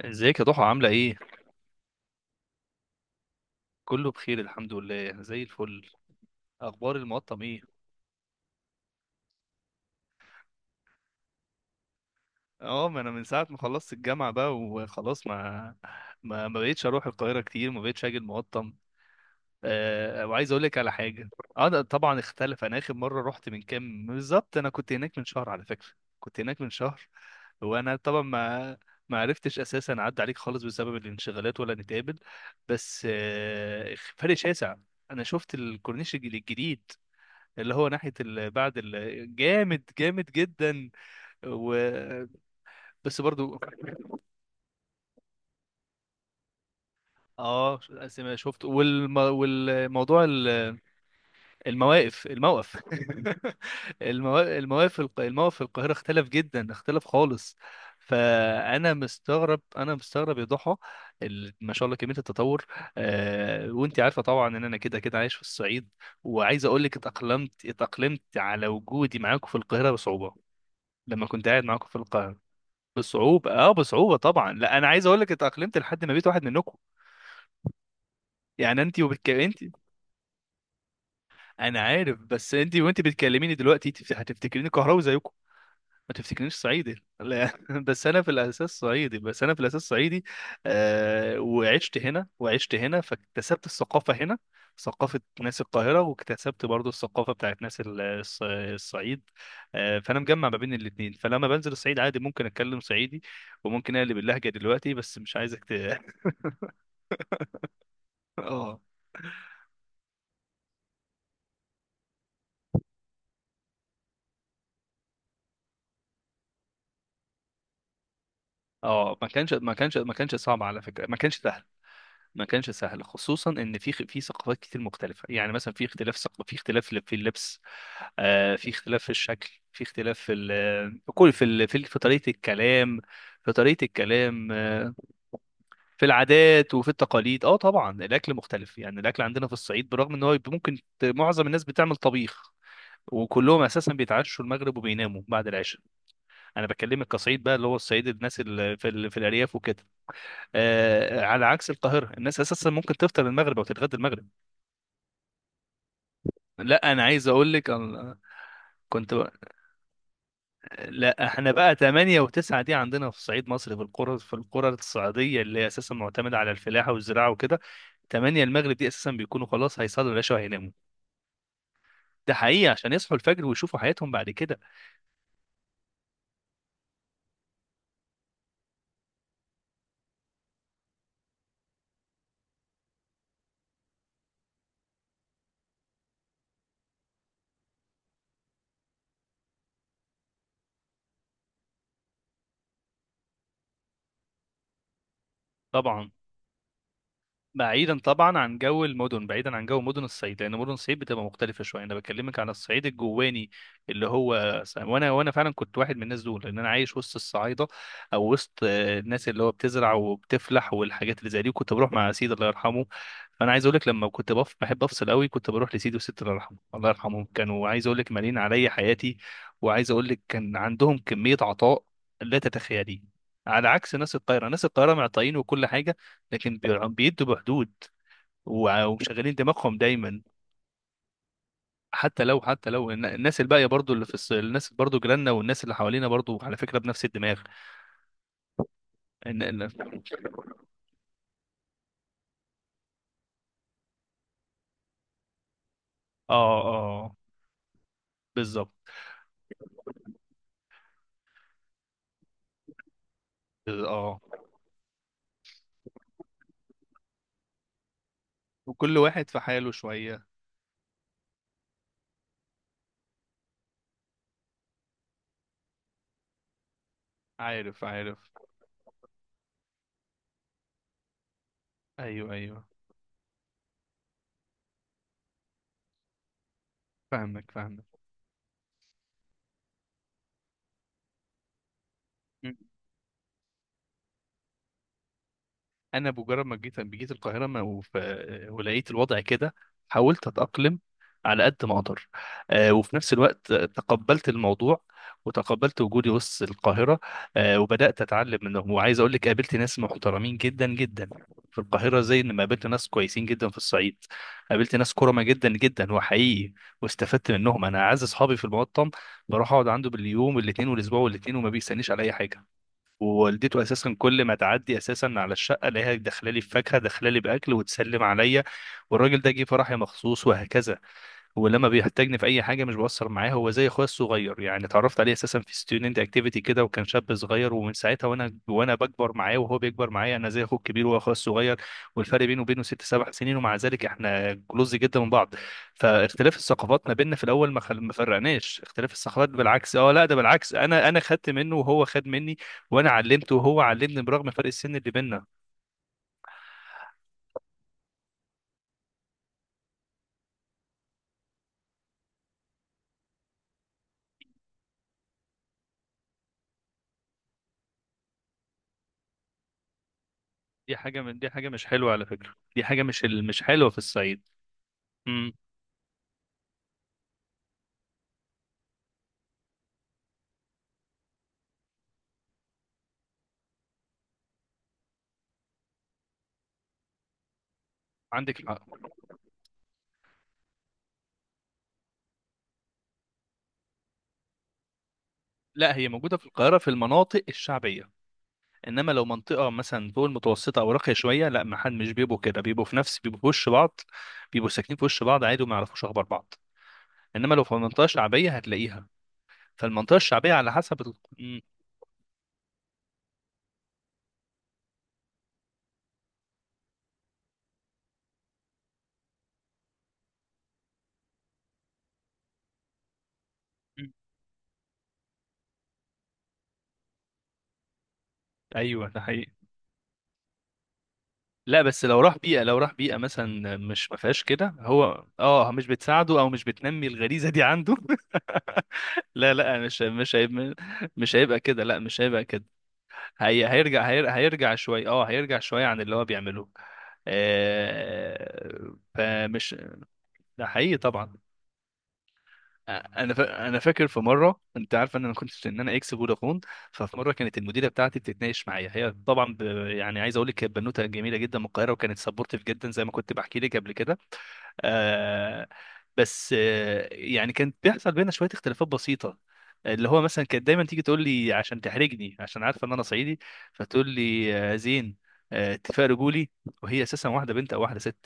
ازيك يا ضحى عاملة ايه؟ كله بخير الحمد لله زي الفل. اخبار المقطم ايه؟ اه ما انا من ساعة ما خلصت الجامعة بقى وخلاص ما بقتش اروح القاهرة كتير، ما بقتش اجي المقطم. وعايز اقول لك على حاجة. انا طبعا اختلف، انا اخر مرة رحت من كام بالظبط؟ انا كنت هناك من شهر على فكرة، كنت هناك من شهر. وانا طبعا ما عرفتش اساسا اعدي عليك خالص بسبب الانشغالات ولا نتقابل. بس فرق شاسع. انا شفت الكورنيش الجديد اللي هو ناحية جامد، جامد جدا. و... بس برضو. اه شفت والموضوع ال- المواقف الموقف. الموقف في القاهرة اختلف جدا، اختلف خالص. فانا مستغرب، انا مستغرب يا ضحى. ما شاء الله كمية التطور. وانت عارفة طبعا ان انا كده كده عايش في الصعيد. وعايز اقول لك اتأقلمت، اتأقلمت على وجودي معاكم في القاهرة بصعوبة. لما كنت قاعد معاكم في القاهرة بصعوبة، اه بصعوبة طبعا. لا انا عايز اقول لك اتأقلمت لحد ما بقيت واحد منكم. يعني انت. انا عارف. بس انت بتكلميني دلوقتي هتفتكريني قهراوي زيكم، ما تفتكرنيش صعيدي لا. بس انا في الاساس صعيدي، بس انا في الاساس صعيدي. وعشت هنا، وعشت هنا فاكتسبت الثقافة هنا، ثقافة ناس القاهرة، واكتسبت برضو الثقافة بتاعت ناس الصعيد. فأنا مجمع ما بين الاتنين، فلما بنزل الصعيد عادي ممكن أتكلم صعيدي وممكن أقلب اللهجة دلوقتي، بس مش عايزك ت... اه اه. ما كانش صعب على فكره، ما كانش سهل، ما كانش سهل، خصوصا ان في ثقافات كتير مختلفه. يعني مثلا في اختلاف في اختلاف في اللبس، في اختلاف في الشكل، في اختلاف في ال... في كل في ال... في في طريقه الكلام، في طريقه الكلام. في العادات وفي التقاليد. اه طبعا الاكل مختلف. يعني الاكل عندنا في الصعيد، برغم ان هو يبقى ممكن معظم الناس بتعمل طبيخ، وكلهم اساسا بيتعشوا المغرب وبيناموا بعد العشاء. انا بكلمك كصعيد بقى، اللي هو الصعيد، الناس اللي في الارياف وكده، على عكس القاهره، الناس اساسا ممكن تفطر المغرب او تتغدى المغرب. لا انا عايز اقول لك أنا كنت بقى. لا احنا بقى 8 و9 دي عندنا في صعيد مصر، في القرى، في القرى الصعيديه اللي هي اساسا معتمده على الفلاحه والزراعه وكده. 8 المغرب دي اساسا بيكونوا خلاص هيصلوا العشاء وهيناموا. ده حقيقي، عشان يصحوا الفجر ويشوفوا حياتهم بعد كده. طبعا بعيدا طبعا عن جو المدن، بعيدا عن جو مدن الصعيد، لان مدن الصعيد بتبقى مختلفه شويه. انا بكلمك عن الصعيد الجواني، اللي هو وانا فعلا كنت واحد من الناس دول، لان انا عايش وسط الصعايده، او وسط الناس اللي هو بتزرع وبتفلح والحاجات اللي زي دي، وكنت بروح مع سيدي الله يرحمه. فانا عايز اقول لك، لما كنت بحب افصل قوي كنت بروح لسيدي وستي الله يرحمه، الله يرحمهم، كانوا عايز اقول لك مالين عليا حياتي. وعايز اقول لك كان عندهم كميه عطاء لا تتخيليه. على عكس ناس القاهره، ناس القاهره معطائين وكل حاجه، لكن بيدوا بحدود ومشغلين دماغهم دايما. حتى لو، حتى لو الناس الباقيه برضو اللي الناس برضو جيراننا والناس اللي حوالينا برضو على فكره بنفس الدماغ. ان اه اه بالظبط. اه، وكل واحد في حاله شويه. عارف، عارف. ايوه، ايوه. فاهمك، فاهمك. انا بمجرد ما جيت، جيت القاهره ولقيت الوضع كده، حاولت اتاقلم على قد ما اقدر. وفي نفس الوقت تقبلت الموضوع، وتقبلت وجودي وسط القاهره. وبدات اتعلم منهم، وعايز اقول لك قابلت ناس محترمين جدا جدا في القاهره زي ما قابلت ناس كويسين جدا في الصعيد. قابلت ناس كرمه جدا جدا وحقيقي، واستفدت منهم. انا اعز اصحابي في المقطم، بروح اقعد عنده باليوم الاثنين والاسبوع والاثنين، وما بيستنيش على اي حاجه. ووالدته اساسا كل ما تعدي اساسا على الشقه الاقيها داخله لي بفاكهه، داخله لي باكل وتسلم عليا، والراجل ده جه فرحي مخصوص وهكذا. ولما بيحتاجني في اي حاجه مش بقصر معاه، هو زي اخويا الصغير يعني. اتعرفت عليه اساسا في ستودنت اكتيفيتي كده، وكان شاب صغير، ومن ساعتها وانا بكبر معاه وهو بيكبر معايا. انا زي اخوه الكبير وهو اخويا الصغير. والفرق بينه وبينه ست سبع سنين، ومع ذلك احنا كلوز جدا من بعض. فاختلاف الثقافات ما بيننا في الاول ما فرقناش، اختلاف الثقافات بالعكس، اه لا ده بالعكس، انا خدت منه وهو خد مني، وانا علمته وهو علمني برغم فرق السن اللي بيننا. دي حاجه، من دي حاجه مش حلوه على فكره، دي حاجه مش، مش حلوه في الصعيد. امم. عندك. لا، هي موجودة في القاهرة في المناطق الشعبية. انما لو منطقة مثلا فوق المتوسطة او راقية شوية، لا ما حد مش بيبقوا كده، بيبقوا في نفس، بيبقوا في وش بعض. بيبقوا ساكنين في وش بعض عادي، وما يعرفوش اخبار بعض. انما لو في منطقة شعبية هتلاقيها. فالمنطقة الشعبية على حسب م- ايوه، ده حقيقي. لا بس لو راح بيئة، لو راح بيئة مثلا مش ما فيهاش كده، هو اه مش بتساعده او مش بتنمي الغريزة دي عنده. لا لا، مش هيبقى، مش هيبقى كده، لا مش هيبقى كده. هي هيرجع شوي، اه هيرجع شوية عن اللي هو بيعمله. آه، فمش ده حقيقي طبعا. آه، انا فاكر في مره، انت عارف ان انا كنت، ان انا اكس فودافون. ففي مره كانت المديره بتاعتي بتتناقش معايا، هي طبعا ب... يعني عايز اقول لك كانت بنوته جميله جدا من القاهره، وكانت سبورتيف جدا زي ما كنت بحكي لك قبل كده. آه بس آه يعني كانت بيحصل بينا شويه اختلافات بسيطه، اللي هو مثلا كانت دايما تيجي تقول لي عشان تحرجني، عشان عارفه ان انا صعيدي، فتقول لي زين، اتفاق رجولي. وهي اساسا واحده بنت او واحده ست.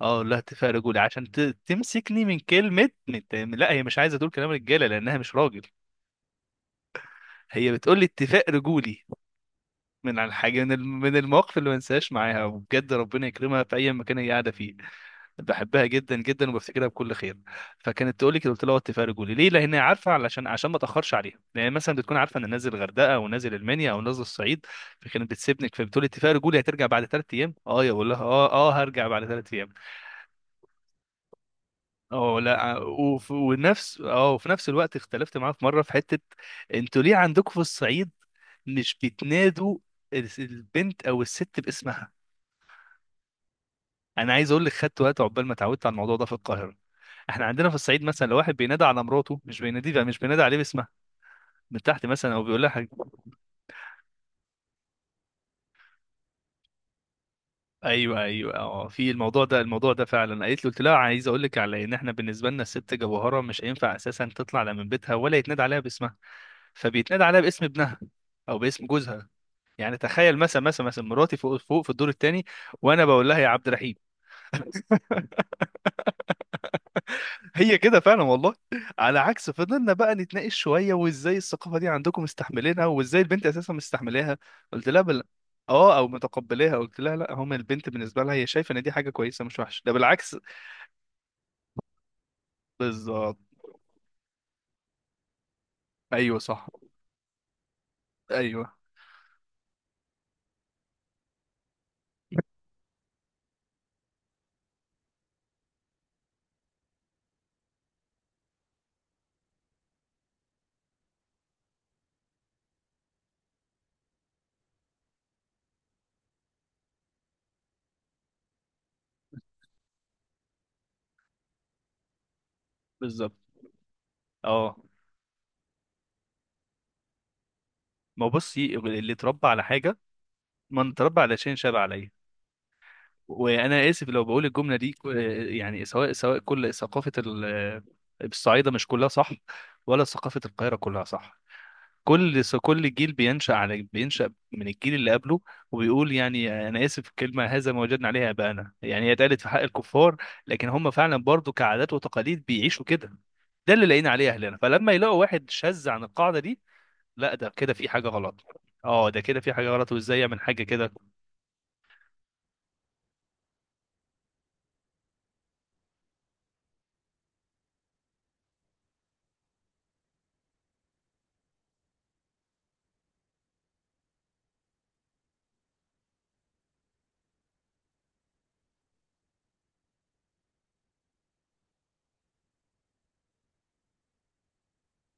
اه لا، اتفاق رجولي تمسكني لا هي مش عايزه تقول كلام رجاله لانها مش راجل، هي بتقول لي اتفاق رجولي. من على الحاجه، من المواقف اللي ما انساهاش معاها، وبجد ربنا يكرمها في اي مكان هي قاعده فيه، بحبها جدا جدا وبفتكرها بكل خير. فكانت تقول لي كده، قلت لها وطي فيها رجولي ليه، لان هي عارفه علشان، عشان ما اتاخرش عليها، لان مثلا بتكون عارفه ان نازل الغردقه او نازل المنيا او نازل الصعيد. فكانت بتسيبني، فبتقول لي اتفاق رجولي هترجع بعد 3 ايام، اه يا بقول لها اه اه هرجع بعد 3 ايام. اه لا آه، وف- ونفس اه وفي نفس الوقت اختلفت معاها في مره في حته. انتوا ليه عندكم في الصعيد مش بتنادوا البنت او الست باسمها؟ انا عايز اقول لك خدت وقت عقبال ما اتعودت على الموضوع ده في القاهره. احنا عندنا في الصعيد مثلا، لو واحد بينادى على مراته مش بينادي بقى، مش بينادي عليه باسمها من تحت مثلا، او بيقول لها حاجه. ايوه، ايوه. اه في الموضوع ده، الموضوع ده فعلا قالت له، قلت لها عايز اقول لك على ان احنا بالنسبه لنا الست جوهره، مش هينفع اساسا تطلع لا من بيتها، ولا يتنادى عليها باسمها، فبيتنادى عليها باسم ابنها او باسم جوزها. يعني تخيل مثلا، مثلا مراتي فوق، فوق في الدور الثاني، وانا بقول لها يا عبد الرحيم. هي كده فعلا والله. على عكس، فضلنا بقى نتناقش شويه، وازاي الثقافه دي عندكم مستحملينها، وازاي البنت اساسا مستحملاها؟ قلت لها اه او متقبلاها، قلت لها لا هم البنت بالنسبه لها هي شايفه ان دي حاجه كويسه مش وحشه، ده بالعكس. بالظبط. ايوه صح. ايوه بالظبط. اه، ما هو بصي اللي اتربى على حاجه، من اتربى على شيء شاب عليه. وانا اسف لو بقول الجمله دي يعني، سواء كل ثقافه الصعيده مش كلها صح، ولا ثقافه القاهره كلها صح. كل جيل بينشأ على، بينشأ من الجيل اللي قبله، وبيقول يعني، انا اسف الكلمه، هذا ما وجدنا عليها اباءنا. يعني هي اتقالت في حق الكفار، لكن هم فعلا برضو كعادات وتقاليد بيعيشوا كده. ده اللي لقينا عليه اهلنا، فلما يلاقوا واحد شاذ عن القاعده دي، لا ده كده في حاجه غلط، اه ده كده في حاجه غلط، وازاي يعمل حاجه كده.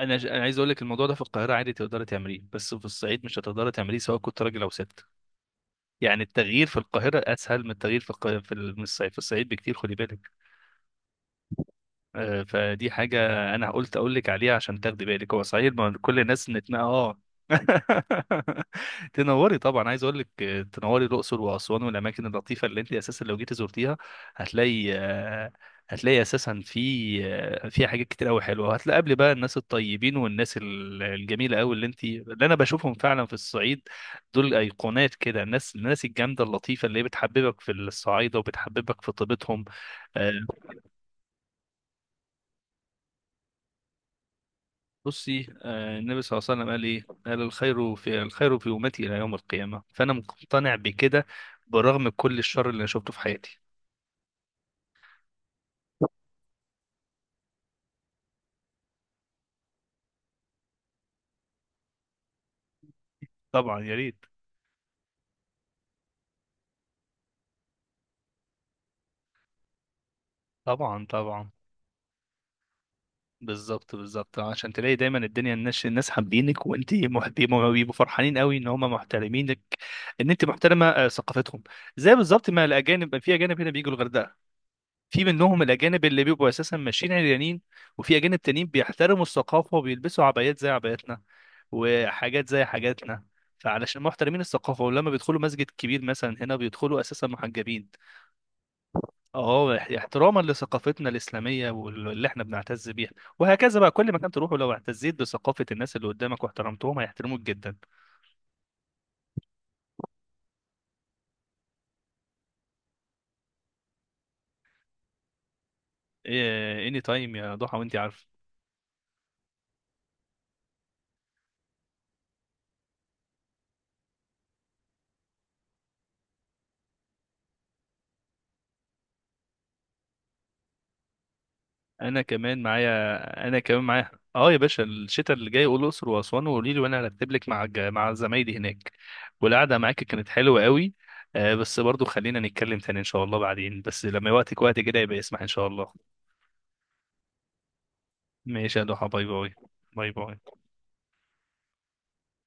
انا عايز اقول لك الموضوع ده في القاهره عادي تقدري تعمليه، بس في الصعيد مش هتقدري تعمليه، سواء كنت راجل او ست. يعني التغيير في القاهره اسهل من التغيير في الق... في ال- من الصعيد، في الصعيد بكتير، خدي بالك. فدي حاجة أنا قلت أقول لك عليها عشان تاخدي بالك. هو صحيح ما كل الناس نتنا. تنوري طبعا، عايز أقول لك تنوري الأقصر وأسوان والأماكن اللطيفة اللي أنت أساسا لو جيتي زرتيها هتلاقي، هتلاقي أساسا في، في حاجات كتير أوي حلوة. هتلاقي قبل بقى الناس الطيبين، والناس الجميلة أوي، اللي أنت، اللي أنا بشوفهم فعلا في الصعيد، دول أيقونات كده. الناس، الناس الجامدة اللطيفة اللي هي بتحببك في الصعايدة وبتحببك في طيبتهم. آه، بصي، النبي صلى الله عليه وسلم قال ايه، قال الخير، في الخير في امتي الى يوم القيامه، فانا مقتنع بكده، برغم كل الشر اللي انا شفته في حياتي. طبعا يا ريت. طبعا طبعا. بالظبط بالظبط، عشان تلاقي دايما الدنيا، الناس، الناس حابينك وانت محترمه، بيبقوا فرحانين قوي ان هم محترمينك، ان انت محترمه ثقافتهم. زي بالظبط ما الاجانب، في اجانب هنا بيجوا الغردقه، في منهم الاجانب اللي بيبقوا اساسا ماشيين عريانين، وفي اجانب تانيين بيحترموا الثقافه وبيلبسوا عبايات زي عباياتنا، وحاجات زي حاجاتنا. فعلشان محترمين الثقافه، ولما بيدخلوا مسجد كبير مثلا هنا بيدخلوا اساسا محجبين، اه احتراما لثقافتنا الاسلاميه واللي احنا بنعتز بيها. وهكذا بقى، كل مكان تروحوا لو اعتزيت بثقافه الناس اللي قدامك واحترمتهم هيحترموك جدا. إيه اني تايم يا ضحى وانت عارفه. انا كمان معايا انا كمان معايا. اه يا باشا، الشتاء اللي جاي قول الاقصر واسوان وقولي لي، وانا هرتب لك مع مع زمايلي هناك. والقعده معاك كانت حلوه قوي. بس برضو خلينا نتكلم تاني ان شاء الله بعدين، بس لما وقتك وقت كده يبقى اسمح ان شاء الله. ماشي يا ضحى، باي باي. باي باي.